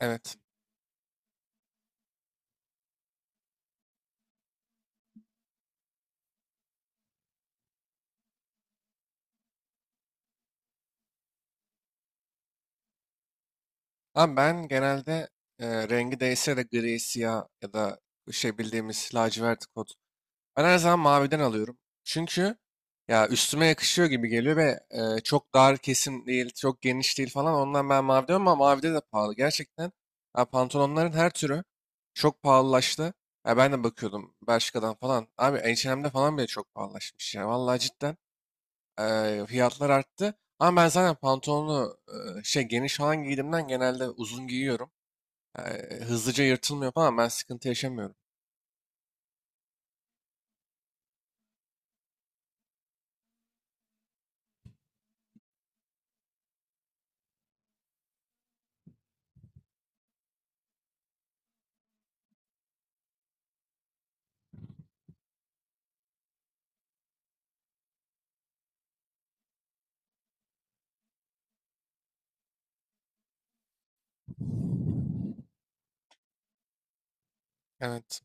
Evet. Ama ben genelde rengi değişse de gri, siyah ya da şey bildiğimiz lacivert kod. Ben her zaman maviden alıyorum. Çünkü ya üstüme yakışıyor gibi geliyor ve çok dar kesim değil, çok geniş değil falan. Ondan ben mavi diyorum ama mavide de pahalı. Gerçekten ya pantolonların her türü çok pahalılaştı. Ya ben de bakıyordum Bershka'dan falan. Abi H&M'de falan bile çok pahalılaşmış ya. Vallahi cidden. Fiyatlar arttı. Ama ben zaten pantolonu şey geniş falan giydiğimden genelde uzun giyiyorum. Hızlıca yırtılmıyor falan ben sıkıntı yaşamıyorum. Evet.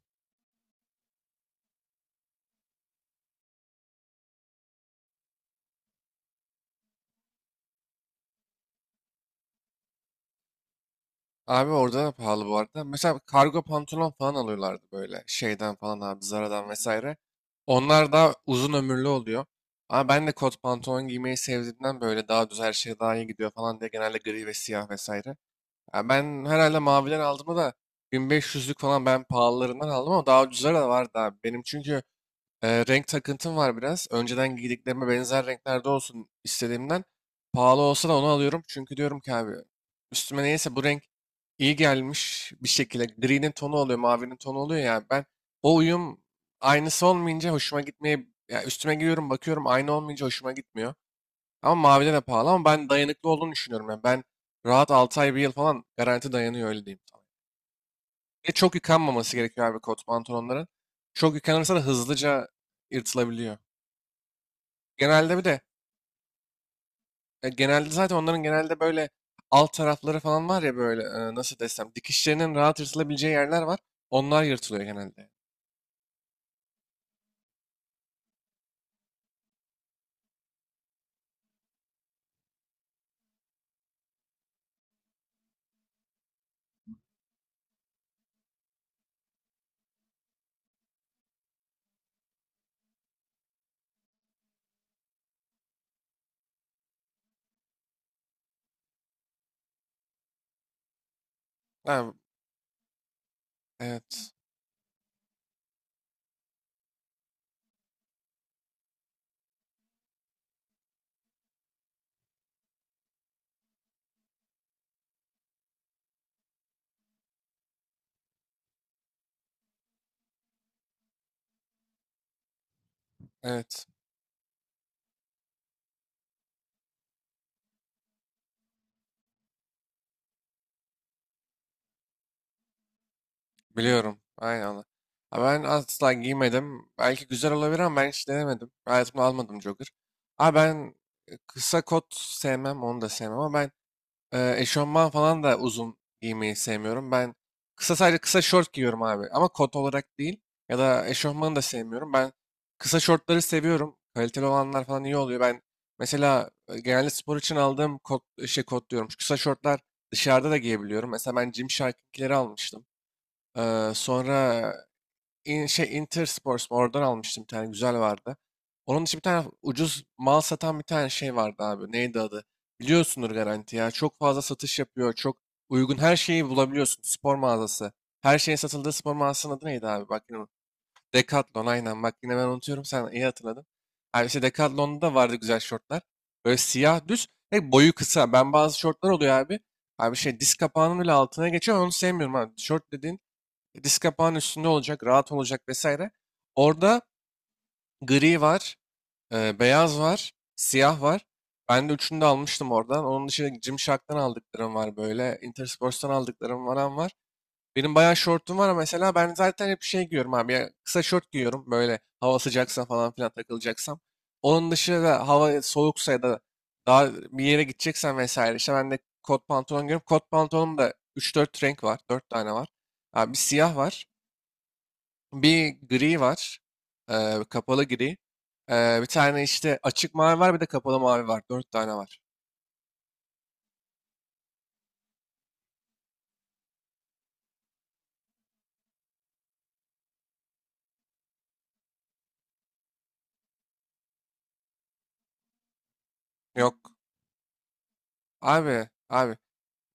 Abi orada da pahalı bu arada. Mesela kargo pantolon falan alıyorlardı böyle şeyden falan abi Zara'dan vesaire. Onlar daha uzun ömürlü oluyor. Ama ben de kot pantolon giymeyi sevdiğimden böyle daha düz her şey daha iyi gidiyor falan diye genelde gri ve siyah vesaire. Ya ben herhalde maviden aldım da 1500'lük falan ben pahalılarından aldım ama daha ucuzları da vardı abi. Benim çünkü renk takıntım var biraz. Önceden giydiklerime benzer renklerde olsun istediğimden. Pahalı olsa da onu alıyorum. Çünkü diyorum ki abi üstüme neyse bu renk iyi gelmiş bir şekilde. Gri'nin tonu oluyor, mavinin tonu oluyor ya. Ben o uyum aynısı olmayınca hoşuma gitmeye... Ya üstüme giyiyorum bakıyorum aynı olmayınca hoşuma gitmiyor. Ama mavide de pahalı ama ben dayanıklı olduğunu düşünüyorum. Yani ben rahat 6 ay bir yıl falan garanti dayanıyor öyle diyeyim sana. Ve çok yıkanmaması gerekiyor abi kot pantolonların. Çok yıkanırsa da hızlıca yırtılabiliyor. Genelde bir de genelde zaten onların genelde böyle alt tarafları falan var ya böyle nasıl desem dikişlerinin rahat yırtılabileceği yerler var. Onlar yırtılıyor genelde. Ha, evet. Evet. Biliyorum. Aynen, öyle. Ha, ben asla giymedim. Belki güzel olabilir ama ben hiç denemedim. Hayatımda almadım jogger. Abi ben kısa kot sevmem, onu da sevmem ama ben eşofman falan da uzun giymeyi sevmiyorum. Ben kısa sadece kısa şort giyiyorum abi ama kot olarak değil ya da eşofmanı da sevmiyorum. Ben kısa şortları seviyorum. Kaliteli olanlar falan iyi oluyor. Ben mesela genelde spor için aldığım kot, şey kot diyorum. Şu kısa şortlar dışarıda da giyebiliyorum. Mesela ben Gymshark'ınkileri almıştım. Sonra şey Intersport mu? Oradan almıştım bir tane güzel vardı. Onun için bir tane ucuz mal satan bir tane şey vardı abi. Neydi adı? Biliyorsundur garanti ya. Çok fazla satış yapıyor. Çok uygun her şeyi bulabiliyorsun. Spor mağazası. Her şeyin satıldığı spor mağazasının adı neydi abi? Bak yine Decathlon aynen. Bak yine ben unutuyorum. Sen iyi hatırladın. Abi işte Decathlon'da da vardı güzel şortlar. Böyle siyah düz ve boyu kısa. Ben bazı şortlar oluyor abi. Abi şey diz kapağının bile altına geçiyor. Onu sevmiyorum abi. Şort dediğin disk kapağının üstünde olacak, rahat olacak vesaire. Orada gri var, beyaz var, siyah var. Ben de üçünü de almıştım oradan. Onun dışında Gymshark'tan aldıklarım var böyle. Intersports'tan aldıklarım varan var. Benim bayağı şortum var ama mesela ben zaten hep şey giyiyorum abi. Ya kısa şort giyiyorum böyle hava sıcaksa falan filan takılacaksam. Onun dışında hava soğuksa ya da daha bir yere gideceksen vesaire. İşte ben de kot pantolon giyiyorum. Kot pantolonum da üç dört renk var. Dört tane var. Abi bir siyah var. Bir gri var. Kapalı gri. Bir tane işte açık mavi var bir de kapalı mavi var. Dört tane var. Yok. Abi, abi.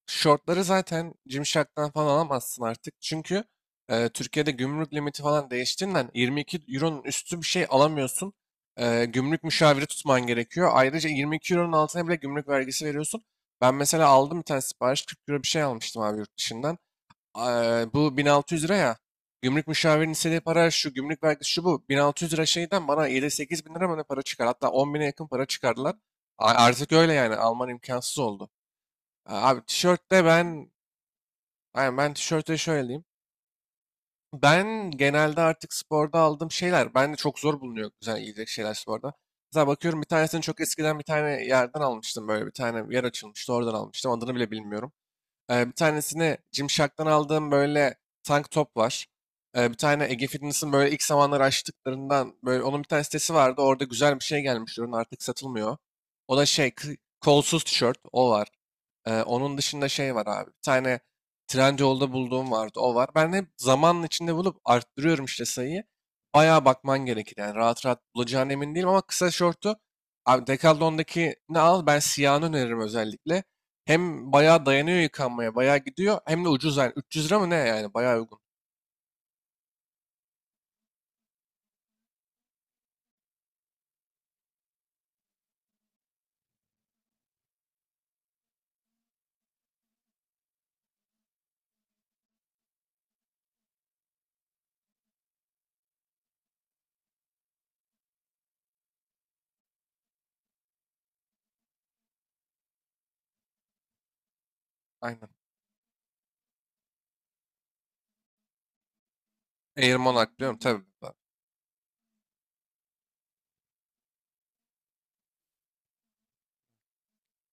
Shortları zaten Gymshark'tan falan alamazsın artık. Çünkü Türkiye'de gümrük limiti falan değiştiğinden 22 euronun üstü bir şey alamıyorsun. Gümrük müşaviri tutman gerekiyor. Ayrıca 22 euronun altına bile gümrük vergisi veriyorsun. Ben mesela aldım bir tane sipariş 40 euro bir şey almıştım abi yurt dışından. Bu 1600 lira ya. Gümrük müşavirinin istediği para şu, gümrük vergisi şu bu. 1600 lira şeyden bana 7-8 bin lira mı ne para çıkar. Hatta 10 bine yakın para çıkardılar. Artık öyle yani. Alman imkansız oldu. Abi tişörtte ben. Aynen, ben tişörte şöyle diyeyim. Ben genelde artık sporda aldığım şeyler, ben de çok zor bulunuyor güzel giyecek şeyler sporda. Mesela bakıyorum bir tanesini çok eskiden bir tane yerden almıştım böyle bir tane bir yer açılmıştı oradan almıştım adını bile bilmiyorum. Bir tanesini Gymshark'tan aldığım böyle tank top var. Bir tane Ege Fitness'ın böyle ilk zamanları açtıklarından böyle onun bir tane sitesi vardı orada güzel bir şey gelmiş ürün artık satılmıyor. O da şey kolsuz tişört o var. Onun dışında şey var abi. Bir tane Trendyol'da bulduğum vardı. O var. Ben hep zamanın içinde bulup arttırıyorum işte sayıyı. Bayağı bakman gerekir. Yani rahat rahat bulacağına emin değilim ama kısa şortu abi Decathlon'daki ne al? Ben siyahını öneririm özellikle. Hem bayağı dayanıyor yıkanmaya. Bayağı gidiyor. Hem de ucuz yani. 300 lira mı ne yani? Bayağı uygun. Aynen. Air Monarch biliyorum tabii.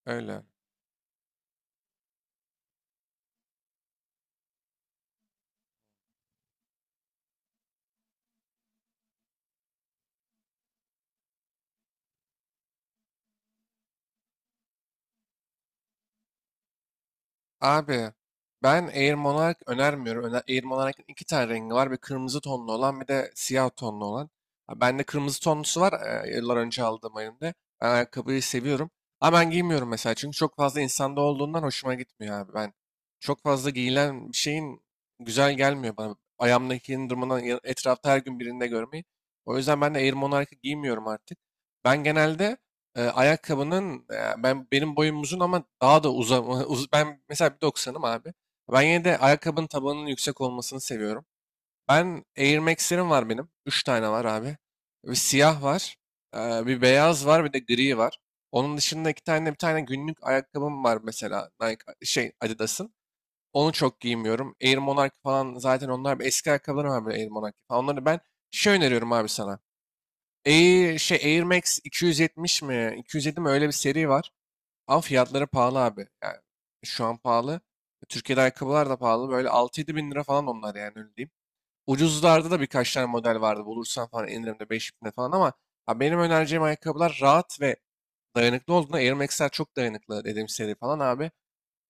Öyle. Abi ben Air Monarch önermiyorum. Öner Air Monarch'ın iki tane rengi var. Bir kırmızı tonlu olan bir de siyah tonlu olan. Ha, bende kırmızı tonlusu var. Yıllar önce aldığım elimde. Ben ayakkabıyı seviyorum. Ama ben giymiyorum mesela. Çünkü çok fazla insanda olduğundan hoşuma gitmiyor abi. Ben çok fazla giyilen bir şeyin güzel gelmiyor bana. Ayağımdakinin durumundan etrafta her gün birinde görmeyi. O yüzden ben de Air Monarch'ı giymiyorum artık. Ben genelde ayakkabının ben benim boyum uzun ama daha da uzama ben mesela 1,90'ım abi. Ben yine de ayakkabının tabanının yüksek olmasını seviyorum. Ben Air Max'lerim var benim. Üç tane var abi. Bir siyah var. Bir beyaz var bir de gri var. Onun dışında iki tane bir tane günlük ayakkabım var mesela Nike şey Adidas'ın. Onu çok giymiyorum. Air Monarch falan zaten onlar eski ayakkabılarım var böyle Air Monarch falan. Onları ben şey öneriyorum abi sana. Air, şey Air Max 270 mi? 207 mi? Öyle bir seri var. Ama fiyatları pahalı abi. Yani şu an pahalı. Türkiye'de ayakkabılar da pahalı. Böyle 6-7 bin lira falan onlar yani öyle diyeyim. Ucuzlarda da birkaç tane model vardı. Bulursan falan indirimde 5 bine falan ama ha, benim önereceğim ayakkabılar rahat ve dayanıklı olduğunda Air Max'ler çok dayanıklı dediğim seri falan abi.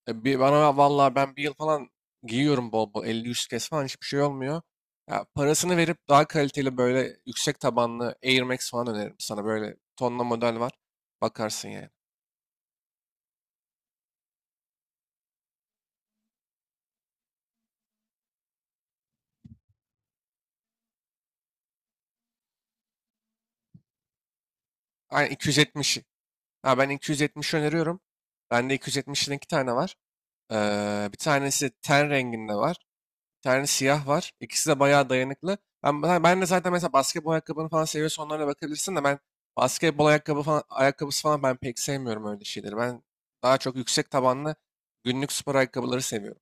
Bir, bana vallahi ben bir yıl falan giyiyorum bol bol 50-100 kez falan hiçbir şey olmuyor. Ya, parasını verip daha kaliteli böyle yüksek tabanlı Air Max falan öneririm sana. Böyle tonla model var. Bakarsın yani. Aynen 270. Ha, ben 270 öneriyorum. Bende 270'in iki tane var. Bir tanesi ten renginde var. Bir tane siyah var. İkisi de bayağı dayanıklı. Ben de zaten mesela basketbol ayakkabını falan seviyorsan onlara bakabilirsin de ben basketbol ayakkabı falan, ayakkabısı falan ben pek sevmiyorum öyle şeyleri. Ben daha çok yüksek tabanlı günlük spor ayakkabıları seviyorum.